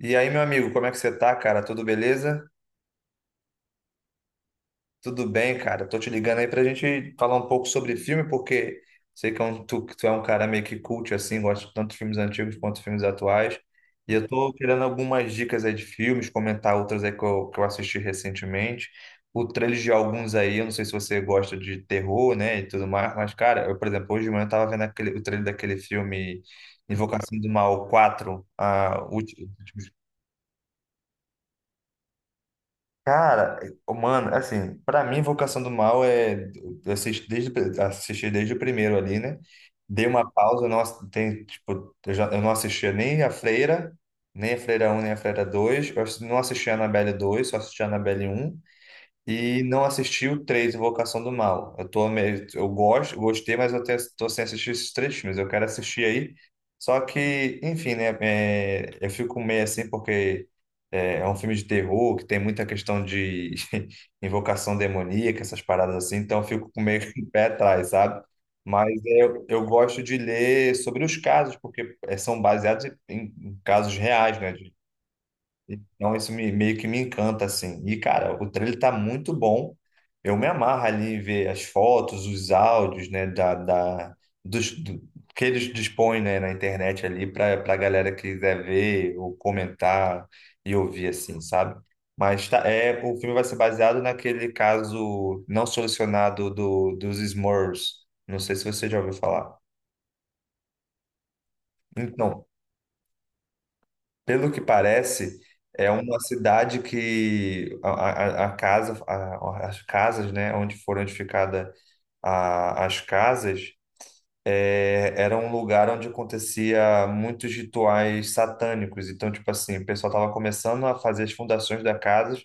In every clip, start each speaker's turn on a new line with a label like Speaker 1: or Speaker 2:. Speaker 1: E aí, meu amigo, como é que você tá, cara? Tudo beleza? Tudo bem, cara? Tô te ligando aí pra gente falar um pouco sobre filme, porque sei que tu, é um cara meio que cult, assim, gosta tanto de filmes antigos quanto de filmes atuais. E eu tô querendo algumas dicas aí de filmes, comentar outras aí que eu assisti recentemente. O trailer de alguns aí, eu não sei se você gosta de terror, né, e tudo mais, mas, cara, eu, por exemplo, hoje de manhã eu tava vendo o trailer daquele filme Invocação do Mal quatro. Cara, mano, assim, pra mim, Invocação do Mal é. Eu assisti desde, Assisti desde o primeiro ali, né? Dei uma pausa, eu não, ass- tem, tipo, eu, já, eu não assistia nem a Freira, nem a Freira um nem a Freira dois. Não assistia a Annabelle dois, só assistia a Annabelle um, e não assisti o 3 Invocação do Mal. Eu tô meio, eu gosto, gostei, mas tô sem assistir esses três filmes. Eu quero assistir aí. Só que, enfim, né? Eu fico meio assim porque é um filme de terror que tem muita questão de invocação demoníaca, essas paradas assim. Então eu fico com meio com o pé atrás, sabe? Mas é, eu gosto de ler sobre os casos, porque é, são baseados em, em casos reais, né? Então, isso me, meio que me encanta, assim. E, cara, o trailer tá muito bom. Eu me amarro ali em ver as fotos, os áudios, né, dos, do- que eles dispõem, né, na internet ali para a galera que quiser ver ou comentar e ouvir, assim, sabe? Mas tá, é, o filme vai ser baseado naquele caso não solucionado dos Smurfs. Não sei se você já ouviu falar. Então, pelo que parece, é uma cidade que a casa, as casas, né, onde foram edificadas as casas, é, era um lugar onde acontecia muitos rituais satânicos. Então, tipo assim, o pessoal estava começando a fazer as fundações da casa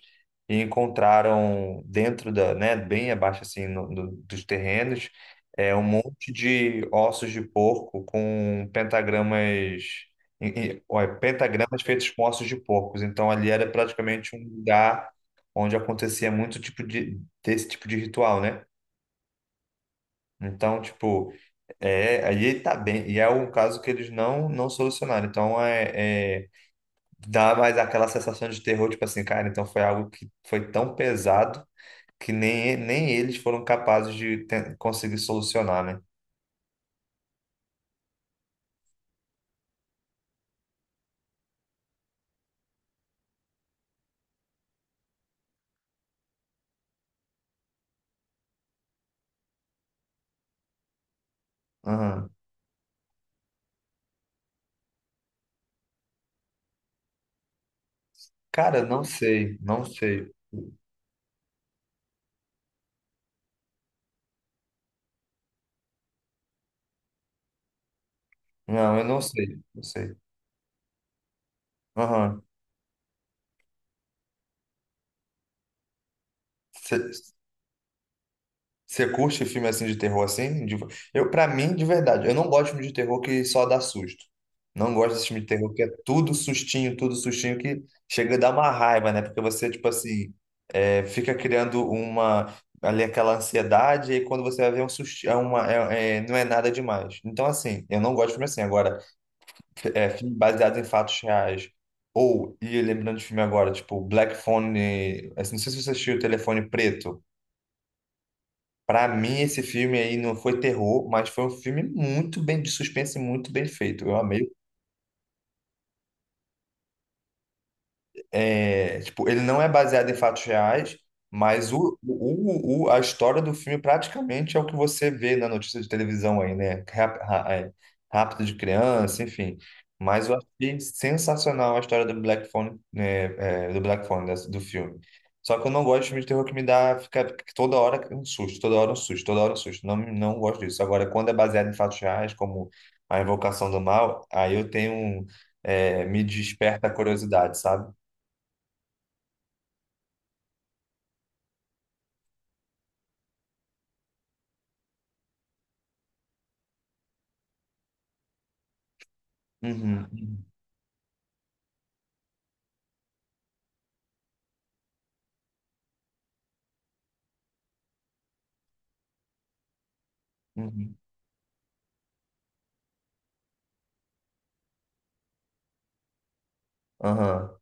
Speaker 1: e encontraram dentro da, né, bem abaixo assim dos terrenos, é, um monte de ossos de porco com pentagramas, olha, pentagramas feitos com ossos de porcos. Então, ali era praticamente um lugar onde acontecia muito tipo de desse tipo de ritual, né? Então, tipo, é, aí tá bem. E é um caso que eles não solucionaram. Então, é, dá mais aquela sensação de terror, tipo assim, cara, então foi algo que foi tão pesado que nem, nem eles foram capazes de conseguir solucionar, né? Aham. Cara, não sei, não sei. Não, eu não sei, não sei. Aham. Você curte filme assim de terror assim? De- eu, para mim, de verdade, eu não gosto de filme de terror que só dá susto. Não gosto desse filme de terror que é tudo sustinho que chega a dar uma raiva, né? Porque você, tipo assim, é, fica criando uma ali aquela ansiedade e quando você vai ver é um susto, é, não é nada demais. Então, assim, eu não gosto de filme assim. Agora, filme baseado em fatos reais. Ou, e lembrando de filme agora, tipo, Black Phone, assim, não sei se você assistiu o Telefone Preto. Pra mim, esse filme aí não foi terror, mas foi um filme muito bem de suspense, e muito bem feito. Eu amei. Tipo, ele não é baseado em fatos reais, mas a história do filme praticamente é o que você vê na notícia de televisão aí, né? Rápido de criança, enfim. Mas eu achei sensacional a história do Black Phone, né, é, do Black Phone, do filme. Só que eu não gosto de filme de terror que me dá, fica que toda hora um susto, toda hora um susto, toda hora um susto. Não, não gosto disso. Agora, quando é baseado em fatos reais, como A Invocação do Mal, aí eu tenho, me desperta a curiosidade, sabe? Uhum, uhum, uhum. Aham.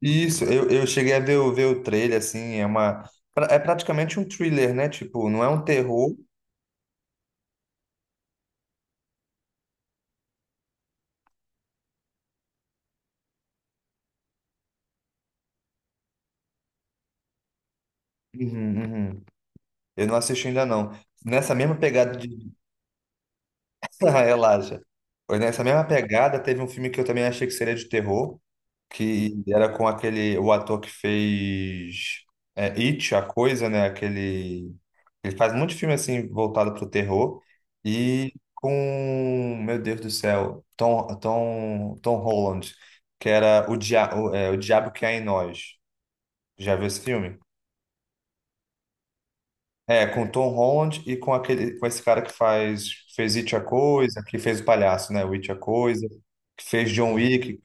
Speaker 1: Isso, eu cheguei a ver, ver o trailer, assim, é uma... pra- é praticamente um thriller, né? Tipo, não é um terror. Uhum, uhum. Eu não assisti ainda, não. Nessa mesma pegada de... Ah, relaxa. Nessa mesma pegada, teve um filme que eu também achei que seria de terror, que era com aquele, o ator que fez It, a Coisa, né? Aquele, ele faz muito filme assim voltado para o terror e com, meu Deus do céu, Tom Holland, que era o Diabo que Há em Nós. Já viu esse filme? É, com Tom Holland e com aquele, com esse cara que faz, fez It a Coisa, que fez o palhaço, né? O It a Coisa, que fez John Wick.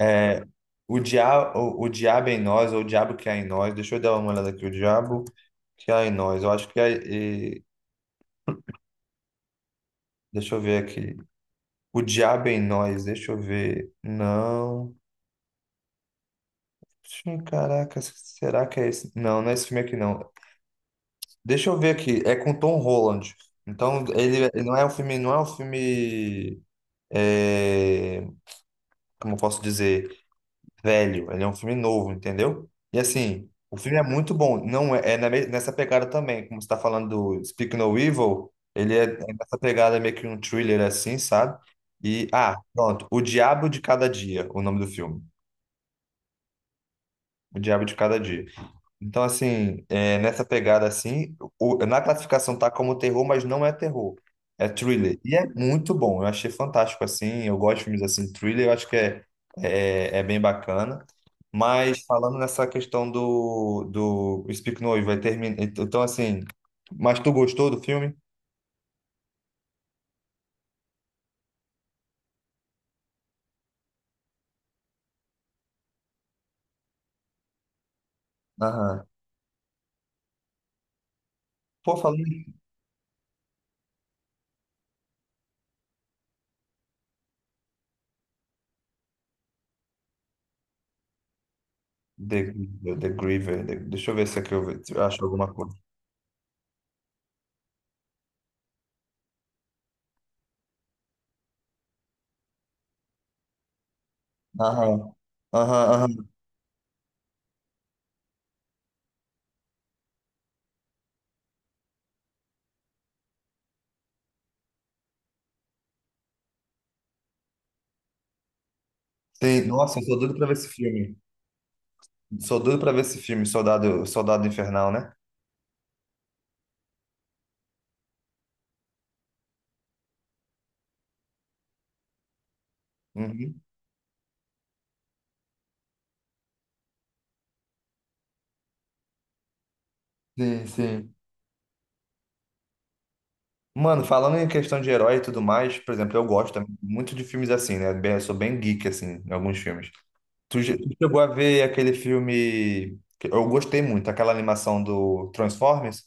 Speaker 1: É, o Diabo é em Nós, ou o Diabo que Há em Nós. Deixa eu dar uma olhada aqui. O Diabo que Há em Nós. Eu acho que é. Deixa eu ver aqui. O Diabo é em Nós. Deixa eu ver. Não. Sim, caraca, será que é esse? Não, não é esse filme aqui, não. Deixa eu ver aqui. É com Tom Holland. Então, ele não é um filme, não é um filme. É, como eu posso dizer? Velho, ele é um filme novo, entendeu? E assim, o filme é muito bom, não é, é nessa pegada também, como você tá falando do Speak No Evil, ele é nessa pegada, é meio que um thriller assim, sabe? E, ah, pronto, O Diabo de Cada Dia, o nome do filme. O Diabo de Cada Dia. Então, assim, é, nessa pegada, assim, na classificação tá como terror, mas não é terror. É thriller. E é muito bom. Eu achei fantástico, assim. Eu gosto de filmes, assim, thriller. Eu acho que é bem bacana. Mas falando nessa questão do Speak Noise, vai terminar... Então, assim... Mas tu gostou do filme? Aham. Pô, falando em The, The Griever, The- deixa eu ver se aqui eu se eu acho alguma coisa. Aham, aham, aham. Sim, nossa, eu tô doido pra ver esse filme. Sou doido pra ver esse filme, Soldado Infernal, né? Uhum. Sim, sim. Mano, falando em questão de herói e tudo mais, por exemplo, eu gosto também muito de filmes assim, né? Bem- eu sou bem geek, assim, em alguns filmes. Tu, já- tu chegou a ver aquele filme que eu gostei muito, aquela animação do Transformers,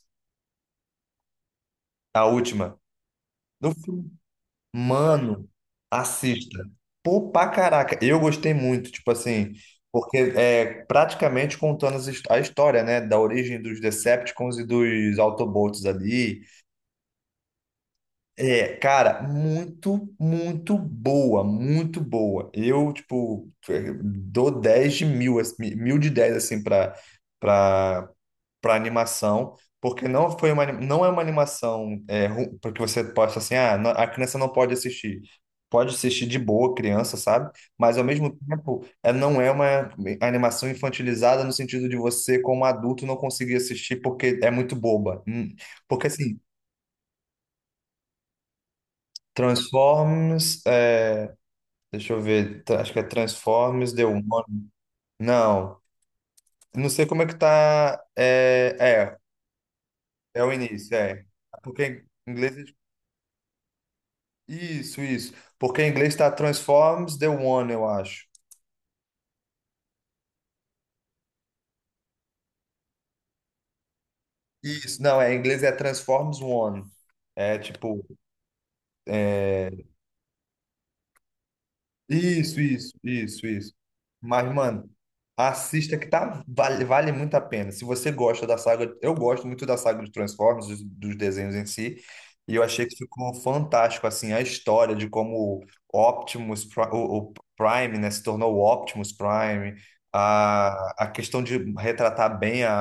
Speaker 1: a última. Mano, assista. Pô, pra caraca, eu gostei muito, tipo assim, porque é praticamente contando a história, né, da origem dos Decepticons e dos Autobots ali. É, cara, muito, muito boa, muito boa. Eu, tipo, é, dou 10 de mil, assim, mil de 10 assim, pra, pra para animação, porque não foi uma, não é uma animação é, ru- porque você possa assim, ah, a criança não pode assistir. Pode assistir de boa, criança, sabe? Mas ao mesmo tempo, é, não é uma animação infantilizada no sentido de você, como adulto, não conseguir assistir porque é muito boba. Porque assim, Transformers, é, deixa eu ver, tra- acho que é Transformers, deu um nome. Não, não sei como é que tá. É, é, é o início, é. Porque em inglês Isso, isso. Porque em inglês está Transforms the One, eu acho. Isso, não, é, em inglês é Transforms One. É tipo Isso, isso. Mas, mano, assista que tá, vale muito a pena. Se você gosta da saga, eu gosto muito da saga de Transformers, dos desenhos em si, e eu achei que ficou fantástico, assim, a história de como o Prime, né, se tornou o Optimus Prime, a questão de retratar bem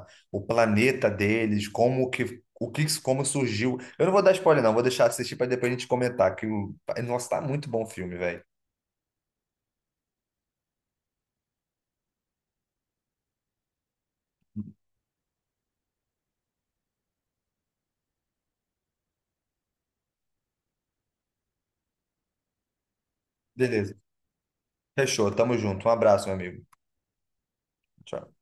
Speaker 1: a- o planeta deles, como que. O que, como surgiu. Eu não vou dar spoiler, não. Vou deixar assistir para depois a gente comentar. Que o... Nossa, tá muito bom o filme, velho. Beleza. Fechou. Tamo junto. Um abraço, meu amigo. Tchau.